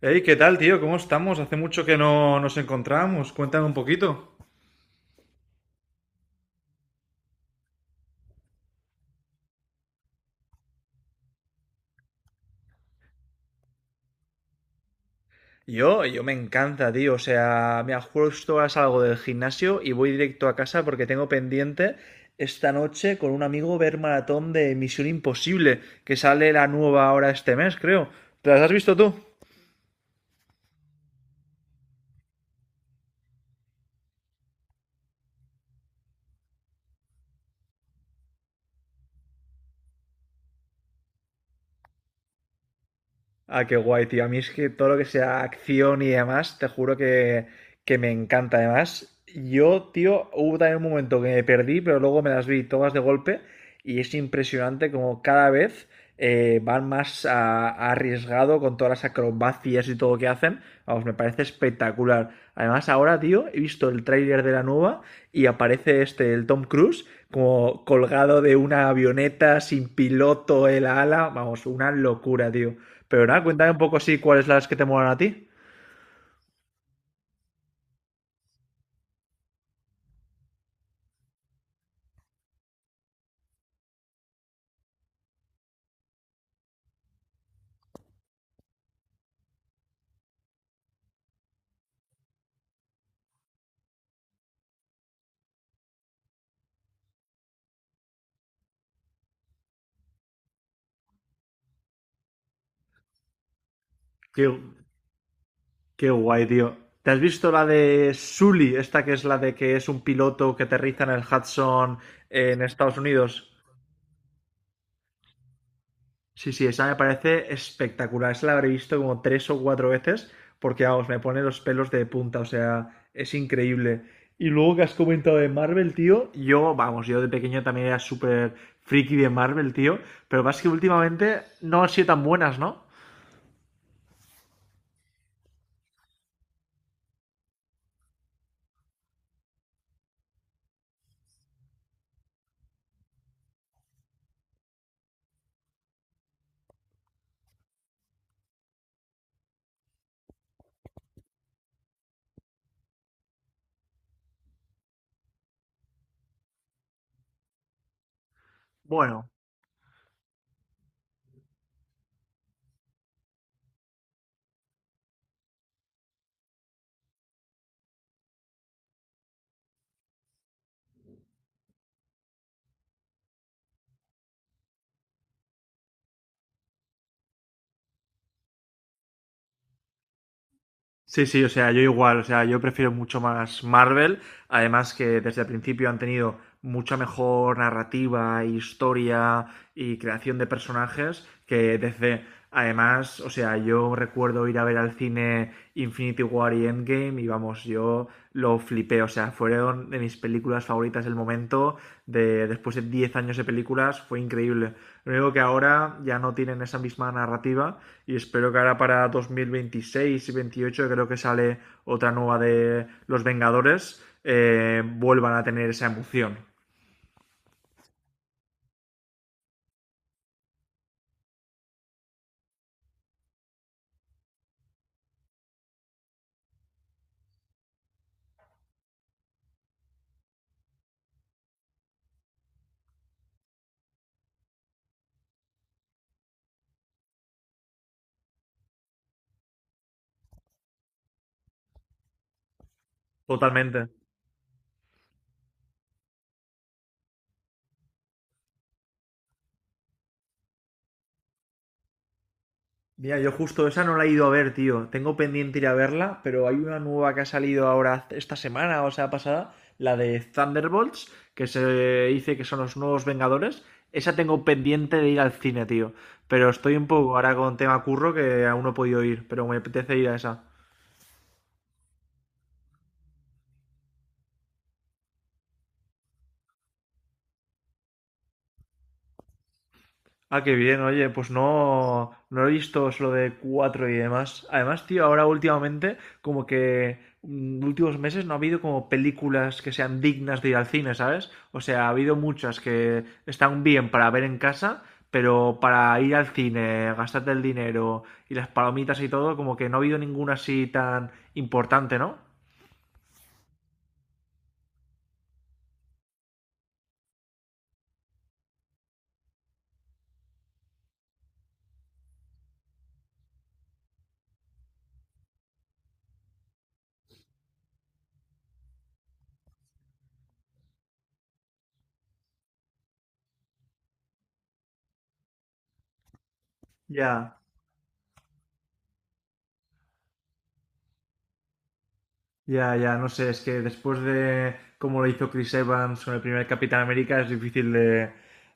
Hey, ¿qué tal, tío? ¿Cómo estamos? Hace mucho que no nos encontramos. Cuéntame un poquito. Yo me encanta, tío. O sea, mira, justo ahora salgo del gimnasio y voy directo a casa porque tengo pendiente esta noche con un amigo ver maratón de Misión Imposible, que sale la nueva ahora este mes, creo. ¿Te las has visto tú? Ah, qué guay, tío. A mí es que todo lo que sea acción y demás, te juro que me encanta. Además, yo, tío, hubo también un momento que me perdí, pero luego me las vi todas de golpe y es impresionante como cada vez van más a arriesgado con todas las acrobacias y todo lo que hacen. Vamos, me parece espectacular. Además, ahora, tío, he visto el tráiler de la nueva y aparece este, el Tom Cruise, como colgado de una avioneta sin piloto en la ala. Vamos, una locura, tío. Pero nada, cuéntame un poco sí cuáles las que te molan a ti. Qué, qué guay, tío. ¿Te has visto la de Sully, esta que es la de que es un piloto que aterriza en el Hudson en Estados Unidos? Sí, sí, esa me parece espectacular. Esa la habré visto como tres o cuatro veces porque, vamos, me pone los pelos de punta, o sea, es increíble. Y luego que has comentado de Marvel, tío, yo, vamos, yo de pequeño también era súper friki de Marvel, tío, pero más que últimamente no han sido tan buenas, ¿no? Bueno, sí, sí, o sea, yo igual, o sea, yo prefiero mucho más Marvel. Además que desde el principio han tenido mucha mejor narrativa, historia y creación de personajes que desde... Además, o sea, yo recuerdo ir a ver al cine Infinity War y Endgame y vamos, yo lo flipé, o sea, fueron de mis películas favoritas del momento, de, después de 10 años de películas, fue increíble. Lo único que ahora ya no tienen esa misma narrativa y espero que ahora para 2026 y 28 creo que sale otra nueva de Los Vengadores vuelvan a tener esa emoción. Totalmente. Mira, yo justo esa no la he ido a ver, tío. Tengo pendiente ir a verla, pero hay una nueva que ha salido ahora esta semana, o sea, pasada, la de Thunderbolts, que se dice que son los nuevos Vengadores. Esa tengo pendiente de ir al cine, tío. Pero estoy un poco ahora con tema curro que aún no he podido ir, pero me apetece ir a esa. Ah, qué bien, oye, pues no, no he visto solo de cuatro y demás. Además, tío, ahora últimamente, como que últimos meses no ha habido como películas que sean dignas de ir al cine, ¿sabes? O sea, ha habido muchas que están bien para ver en casa, pero para ir al cine, gastarte el dinero y las palomitas y todo, como que no ha habido ninguna así tan importante, ¿no? Ya. Ya, ya, no sé, es que después de cómo lo hizo Chris Evans con el primer Capitán América es difícil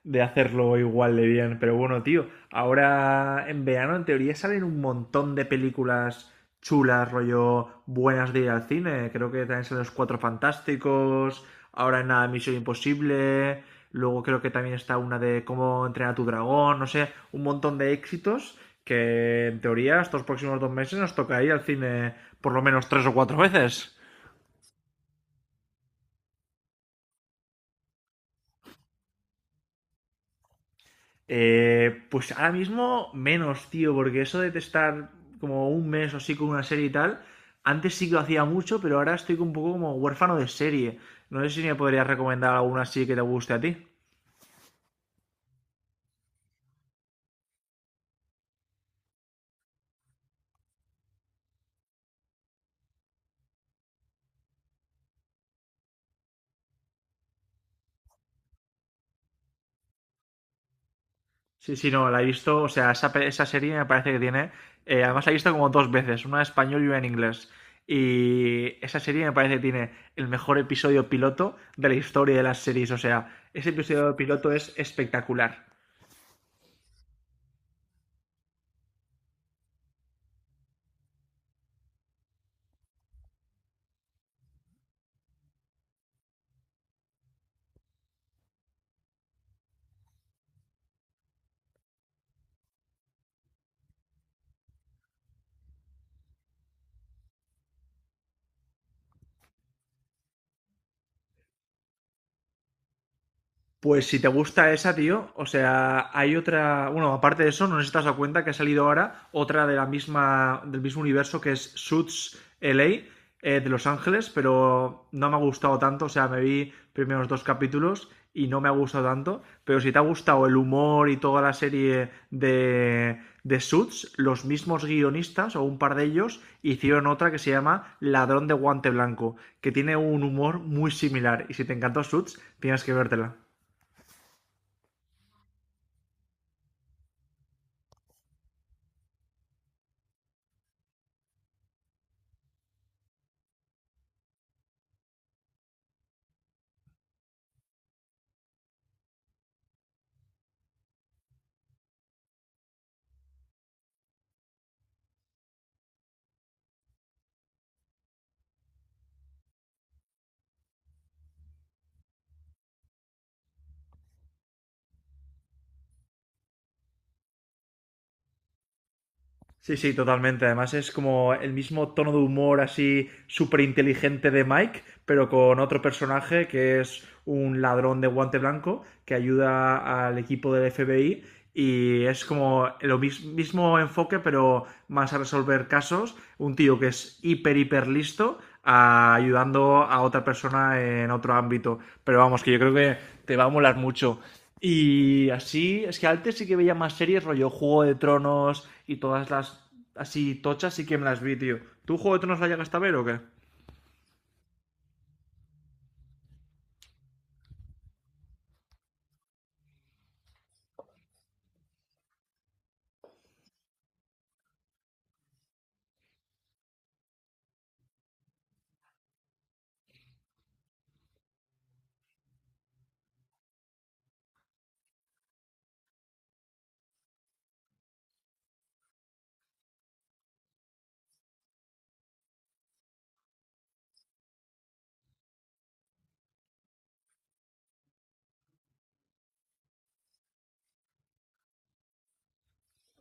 de hacerlo igual de bien. Pero bueno, tío, ahora en verano en teoría salen un montón de películas chulas, rollo buenas de ir al cine. Creo que también salen Los Cuatro Fantásticos, ahora en nada Misión Imposible, luego creo que también está una de Cómo entrenar a tu dragón, no sé, un montón de éxitos que en teoría estos próximos dos meses nos toca ir al cine por lo menos tres o cuatro veces. Pues ahora mismo menos, tío, porque eso de estar como un mes o así con una serie y tal, antes sí que lo hacía mucho, pero ahora estoy un poco como huérfano de serie. No sé si me podrías recomendar alguna así que te guste a ti. Sí, sí, no, la he visto, o sea, esa serie me parece que tiene, además la he visto como dos veces, una en español y una en inglés. Y esa serie me parece que tiene el mejor episodio piloto de la historia de las series, o sea, ese episodio piloto es espectacular. Pues si te gusta esa, tío, o sea, hay otra, bueno, aparte de eso, no sé si te has dado cuenta que ha salido ahora otra de la misma, del mismo universo que es Suits LA, de Los Ángeles, pero no me ha gustado tanto, o sea, me vi primeros dos capítulos y no me ha gustado tanto, pero si te ha gustado el humor y toda la serie de Suits, los mismos guionistas o un par de ellos hicieron otra que se llama Ladrón de Guante Blanco, que tiene un humor muy similar y si te encantó Suits, tienes que vértela. Sí, sí, totalmente. Además es como el mismo tono de humor así súper inteligente de Mike, pero con otro personaje que es un ladrón de guante blanco que ayuda al equipo del FBI y es como el mismo enfoque, pero más a resolver casos. Un tío que es hiper, hiper listo ayudando a otra persona en otro ámbito. Pero vamos, que yo creo que te va a molar mucho. Y así, es que antes sí que veía más series, rollo Juego de Tronos y todas las así tochas, sí que me las vi, tío. ¿Tú Juego de Tronos la llegaste a ver o qué?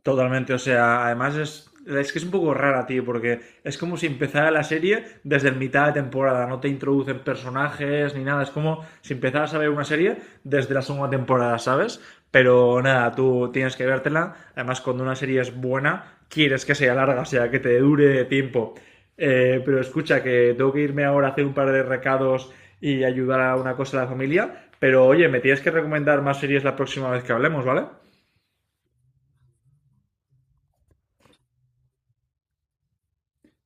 Totalmente, o sea, además es que es un poco rara, tío, porque es como si empezara la serie desde el mitad de temporada, no te introducen personajes ni nada, es como si empezaras a ver una serie desde la segunda temporada, ¿sabes? Pero nada, tú tienes que vértela, además cuando una serie es buena, quieres que sea larga, o sea, que te dure tiempo. Pero escucha, que tengo que irme ahora a hacer un par de recados y ayudar a una cosa a la familia, pero oye, me tienes que recomendar más series la próxima vez que hablemos, ¿vale?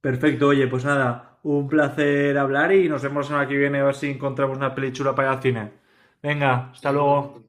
Perfecto, oye, pues nada, un placer hablar y nos vemos en la que viene a ver si encontramos una peli chula para ir al cine. Venga, hasta luego.